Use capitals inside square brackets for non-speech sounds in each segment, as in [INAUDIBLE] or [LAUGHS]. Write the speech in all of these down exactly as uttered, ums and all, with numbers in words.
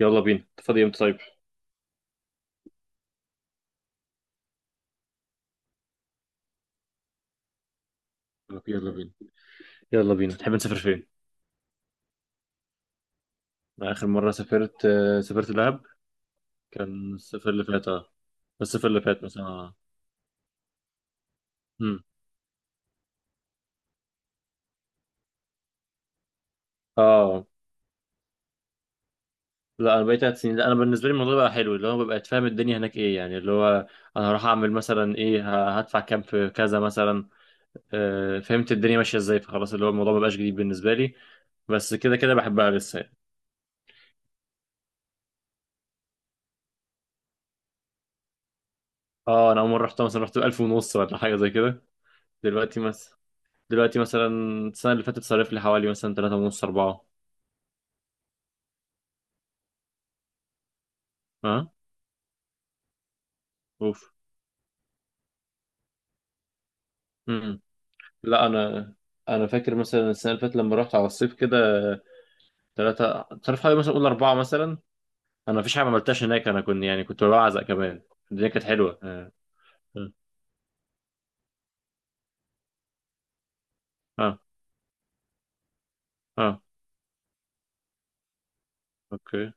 يلا بينا، انت فاضي امتى؟ طيب. طب يلا بينا. يلا بينا، تحب نسافر فين؟ أنا اخر مره سافرت آه، سافرت دهب. كان الصيف اللي فات. اه. الصيف اللي فات مثلا. اه. امم. اه. لا انا بقيت تلات سنين. لا انا بالنسبه لي الموضوع بقى حلو، اللي هو ببقى فاهم الدنيا هناك ايه، يعني اللي هو انا هروح اعمل مثلا ايه، ه- هدفع كام في كذا مثلا. آه، فهمت الدنيا ماشيه ازاي، فخلاص اللي هو الموضوع مبقاش جديد بالنسبه لي. بس كده كده بحبها لسه يعني. اه، انا اول مره رحتها مثلا رحت ب ألف ونص ولا حاجه زي كده. دلوقتي مثلا. دلوقتي مثلا. السنة اللي فاتت صرف لي حوالي مثلا تلاتة ونص أربعة. ها. أوف. امم. لا أنا أنا فاكر مثلا السنة اللي فاتت لما رحت على الصيف كده. تلاتة، صرف حوالي مثلا أقول أربعة مثلا. أنا مفيش حاجة ما عملتهاش هناك، أنا كنت يعني كنت بعزق كمان. الدنيا كانت حلوة. آه. آه. آه. آه. أوكي.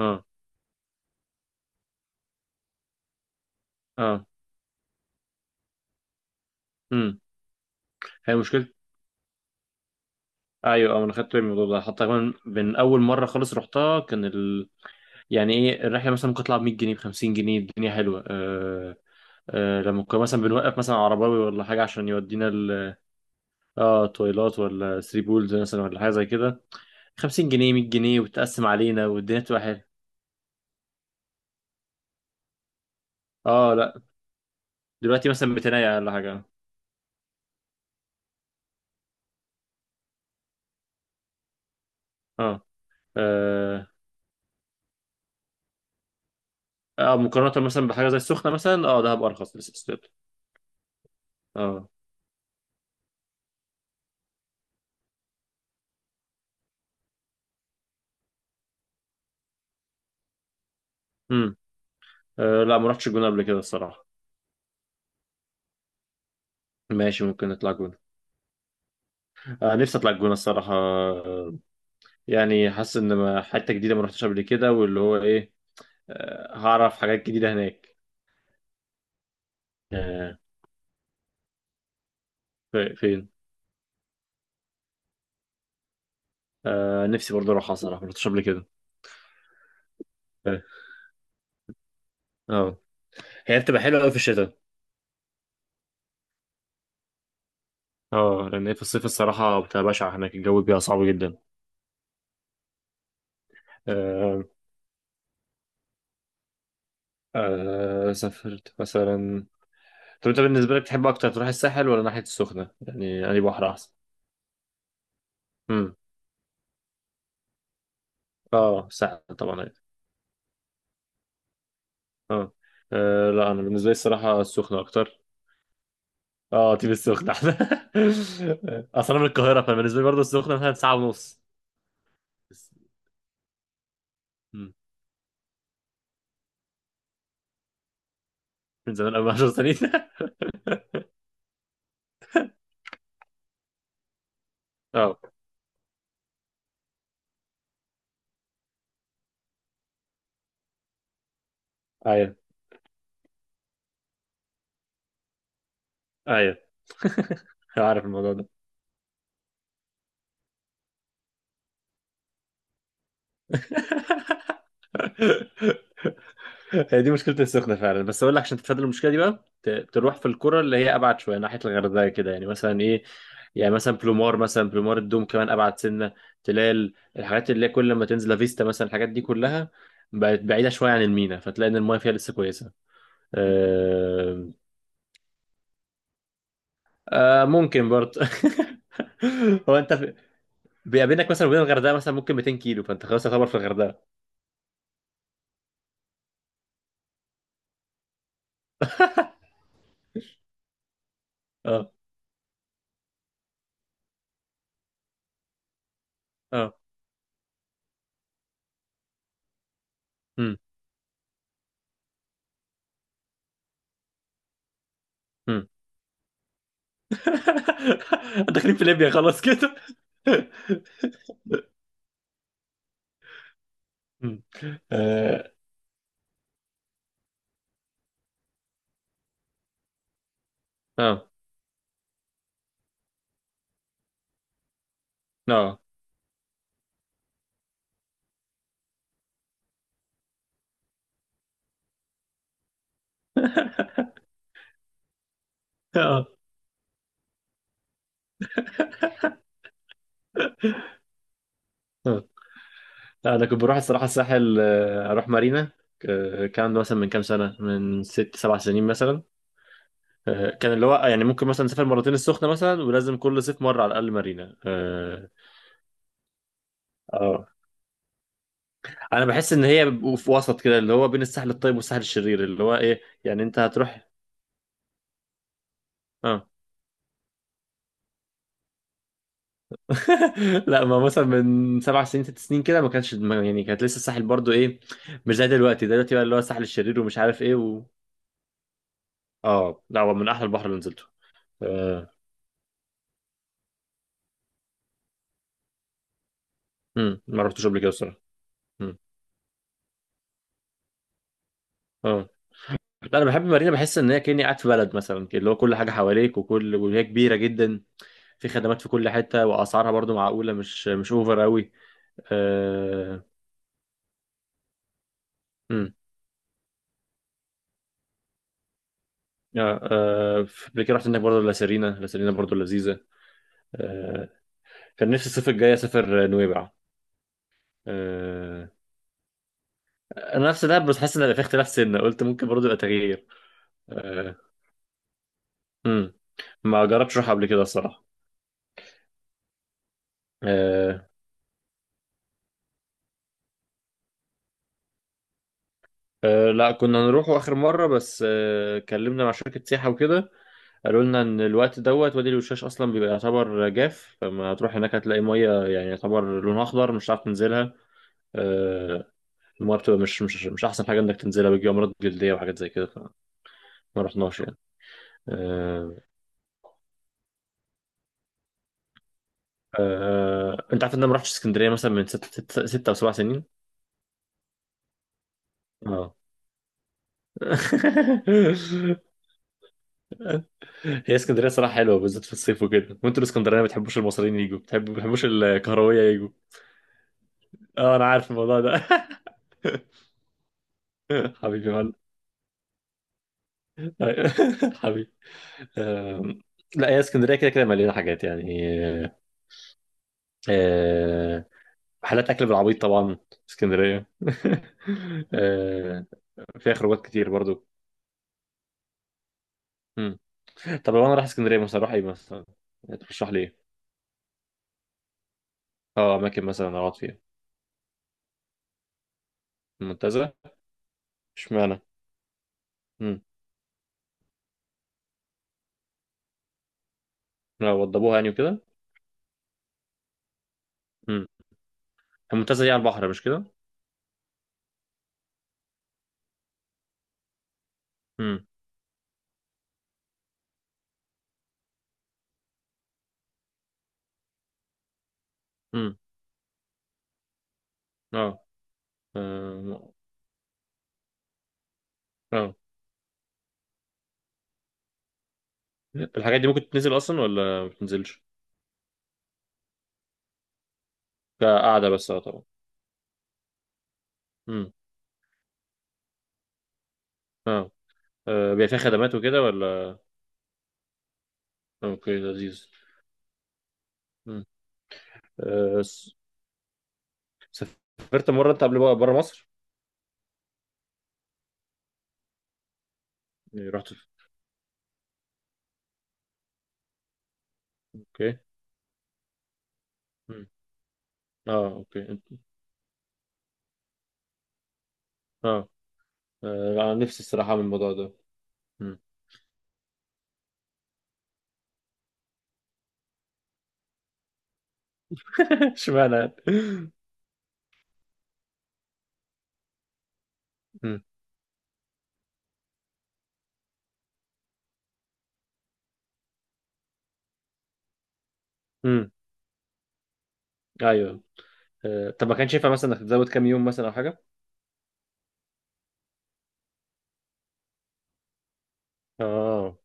آه. آه. امم. هي مشكلة. أيوة، آه، أنا خدت بالي من الموضوع ده حتى كمان من أول مرة خالص رحتها كان ال... يعني إيه الرحلة مثلا ممكن تطلع ب مية جنيه ب خمسين جنيه؟ الدنيا حلوة آه. آه، لما كنا مثلا بنوقف مثلا عرباوي ولا حاجة عشان يودينا ال... اه تويلات ولا ثري بولز مثلا ولا حاجة زي كده. خمسين جنيه، مية جنيه، وتقسم علينا والدنيا تبقى حلوة. اه. لا دلوقتي مثلا ميتين ولا حاجة. اه. اه. آه، مقارنة مثلا بحاجة زي السخنة مثلا، اه دهب أرخص لسه ستيل. اه. امم. آه، لا ما رحتش الجونة قبل كده الصراحة. ماشي، ممكن نطلع الجونة. آه، نفسي أطلع الجونة الصراحة. آه، يعني حاسس إن ما- حتة جديدة ما رحتش قبل كده، واللي هو إيه، آه هعرف حاجات جديدة هناك. آه، في- فين. آه، نفسي برضه اروحها صراحه، ما رحتش قبل كده. اه. آه. هي بتبقى حلوه قوي في الشتاء. اه، لان هي في الصيف الصراحه بتبقى بشعه هناك، الجو بيبقى صعب جدا. آه. آه سافرت مثلا. طب انت بالنسبه لك تحب اكتر تروح الساحل ولا ناحيه السخنه؟ يعني انهي بحر احسن؟ امم. اه الساحل طبعا، أيوة. آه، لا انا بالنسبه لي الصراحه السخنه اكتر. اه، تيجي السخنه [LAUGHS] احسن. اصلا أنا من القاهره، فبالنسبه لي برضه السخنه مثلا ساعه ونص. بس- مم. من زمان قوي عشرة سنين [LAUGHS] اه. ايوه، ايوه. [LAUGHS] أنا عارف الموضوع ده. [LAUGHS] هي دي مشكلة السخنة فعلا. بس أقول لك عشان تتفادى المشكلة دي بقى، ت- تروح في القرى اللي هي أبعد شوية ناحية الغردقة كده، يعني مثلا إيه، يعني مثلا بلومار، مثلا بلومار الدوم كمان أبعد سنة، تلال، الحاجات اللي هي كل ما تنزل لافيستا مثلا، الحاجات دي كلها بقت بعيدة شوية عن المينا، فتلاقي إن المايه فيها لسه كويسة. آه. آه ممكن برضه. [LAUGHS] هو أنت في... بيقابلك مثلا وبين الغردقة مثلا ممكن ميتين كيلو، فأنت خلاص تعتبر في الغردقة. أه. أه. أمم. أمم. [LAUGHS] داخلين في ليبيا خلاص كده. [LAUGHS] مم. اه. اه. اه. آه. آه. انا كنت بروح الصراحه الساحل، آه، اروح مارينا. آه، كان مثلا من كام سنه، من ست سبع سنين مثلا. آه، كان اللي هو يعني ممكن مثلا نسافر مرتين السخنه مثلا، ولازم كل صيف مره على الاقل مارينا. اه. آه. انا بحس ان هي بيبقوا في وسط كده، اللي هو بين الساحل الطيب والساحل الشرير، اللي هو ايه يعني انت هتروح. اه. [LAUGHS] لا ما مثلا من سبع سنين ست سنين كده ما كانش ما- يعني كانت لسه الساحل برضو ايه، مش زي دلوقتي. دلوقتي بقى اللي هو الساحل الشرير ومش عارف ايه و... اه لا، هو من احلى البحر اللي نزلته. آه. مم. ما رحتوش قبل كده الصراحه. مم. اه لا، انا بحب مارينا، بحس ان هي كاني قاعد في بلد مثلا كده، اللي هو كل حاجه حواليك، وكل، وهي كبيره جدا، في خدمات في كل حته، واسعارها برضو معقوله، مش مش اوفر قوي. آه. مم. اه. آه، قبل كده رحت هناك برضه لسيرينا لسيرينا برضه لذيذه. آه. كان نفسي الصيف الجاي اسافر نويبع. آه. انا نفس ده، بس حاسس ان في اختلاف سنه، قلت ممكن برضه يبقى تغيير. أه. مم. ما جربتش اروح قبل كده الصراحه. أه. أه. لا كنا نروحوا اخر مره، بس أه... كلمنا مع شركه سياحه وكده. قالوا لنا ان الوقت دوت وادي الوشاش اصلا بيبقى يعتبر جاف، فما هتروح هناك هتلاقي ميه يعني يعتبر لونها اخضر، مش هتعرف تنزلها. أه. الميه بتبقى مش مش مش احسن حاجه انك تنزلها، بيجي امراض جلديه وحاجات زي كده فما رحناش يعني. أه. أه. آه، انت عارف ان انا ما رحتش اسكندريه مثلا من ست ست, ست او سبع سنين. اه. [LAUGHS] هي اسكندريه صراحه حلوه بالذات في الصيف وكده، وانتوا الاسكندرانيه ما بتحبوش المصريين يجوا، بتحبوا ما بتحبوش الكهرويه يجوا. اه، انا عارف الموضوع ده. [LAUGHS] حبيبي مال. [LAUGHS] حبيبي. آم، لا هي اسكندريه كده كده مليانه حاجات يعني. آه. محلات اكل بالعبيط طبعا اسكندريه. [LAUGHS] آه، فيها خروجات كتير برضو. مم. طب لو انا رايح اسكندريه مثلا اروح ايه مثلا؟ يعني ترشح لي ايه؟ اه، اماكن مثلا اقعد فيها. المنتزه. اشمعنى؟ اه، وضبوها يعني وكده. امم. المنتزه دي على البحر مش كده؟ امم. امم. اه. اه. آه. الحاجات دي ممكن تنزل اصلا ولا ما بتنزلش؟ كقعده بس، اه طبعا. امم. اه. آه، بيبقى فيها خدمات وكده ولا؟ اوكي، لذيذ. امم. آه، س- سافرت مره انت قبل بقى بره مصر؟ يعني رحت في... اوكي. امم. اه اوكي انت- اه. آه، انا نفسي الصراحه اعمل الموضوع ده. امم. [LAUGHS] اشمعنى يعني؟ امم. امم. ايوه. آه، طب ما كانش ينفع مثلا انك تزود كام يوم مثلا او حاجه؟ اه.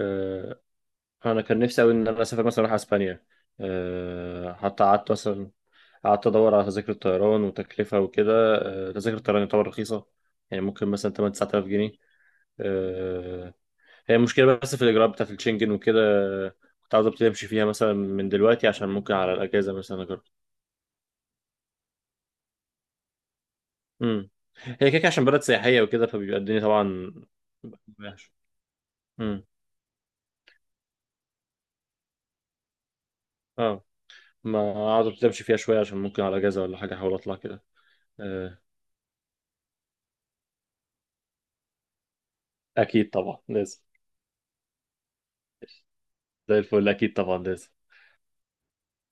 آه، انا كان نفسي قوي ان انا اسافر مثلا اروح اسبانيا. آه، حتى قعدت مثلا قعدت ادور على تذاكر الطيران وتكلفه وكده. آه، تذاكر الطيران يعتبر رخيصه، يعني ممكن مثلا تمانية تسعة آلاف جنيه. آه. هي المشكله بس في الاجراءات بتاعت الشنجن وكده. آه، كنت عاوز ابتدي امشي فيها مثلا من دلوقتي عشان ممكن على الاجازه مثلا اجرب. امم. هي كده كده عشان بلد سياحيه وكده فبيبقى الدنيا طبعا وحش. امم. اه، ما اقعد ابتدي امشي فيها شويه عشان ممكن على اجازه ولا حاجه احاول اطلع كده. آه، اكيد طبعا لازم. زي الفل، اكيد طبعا لازم.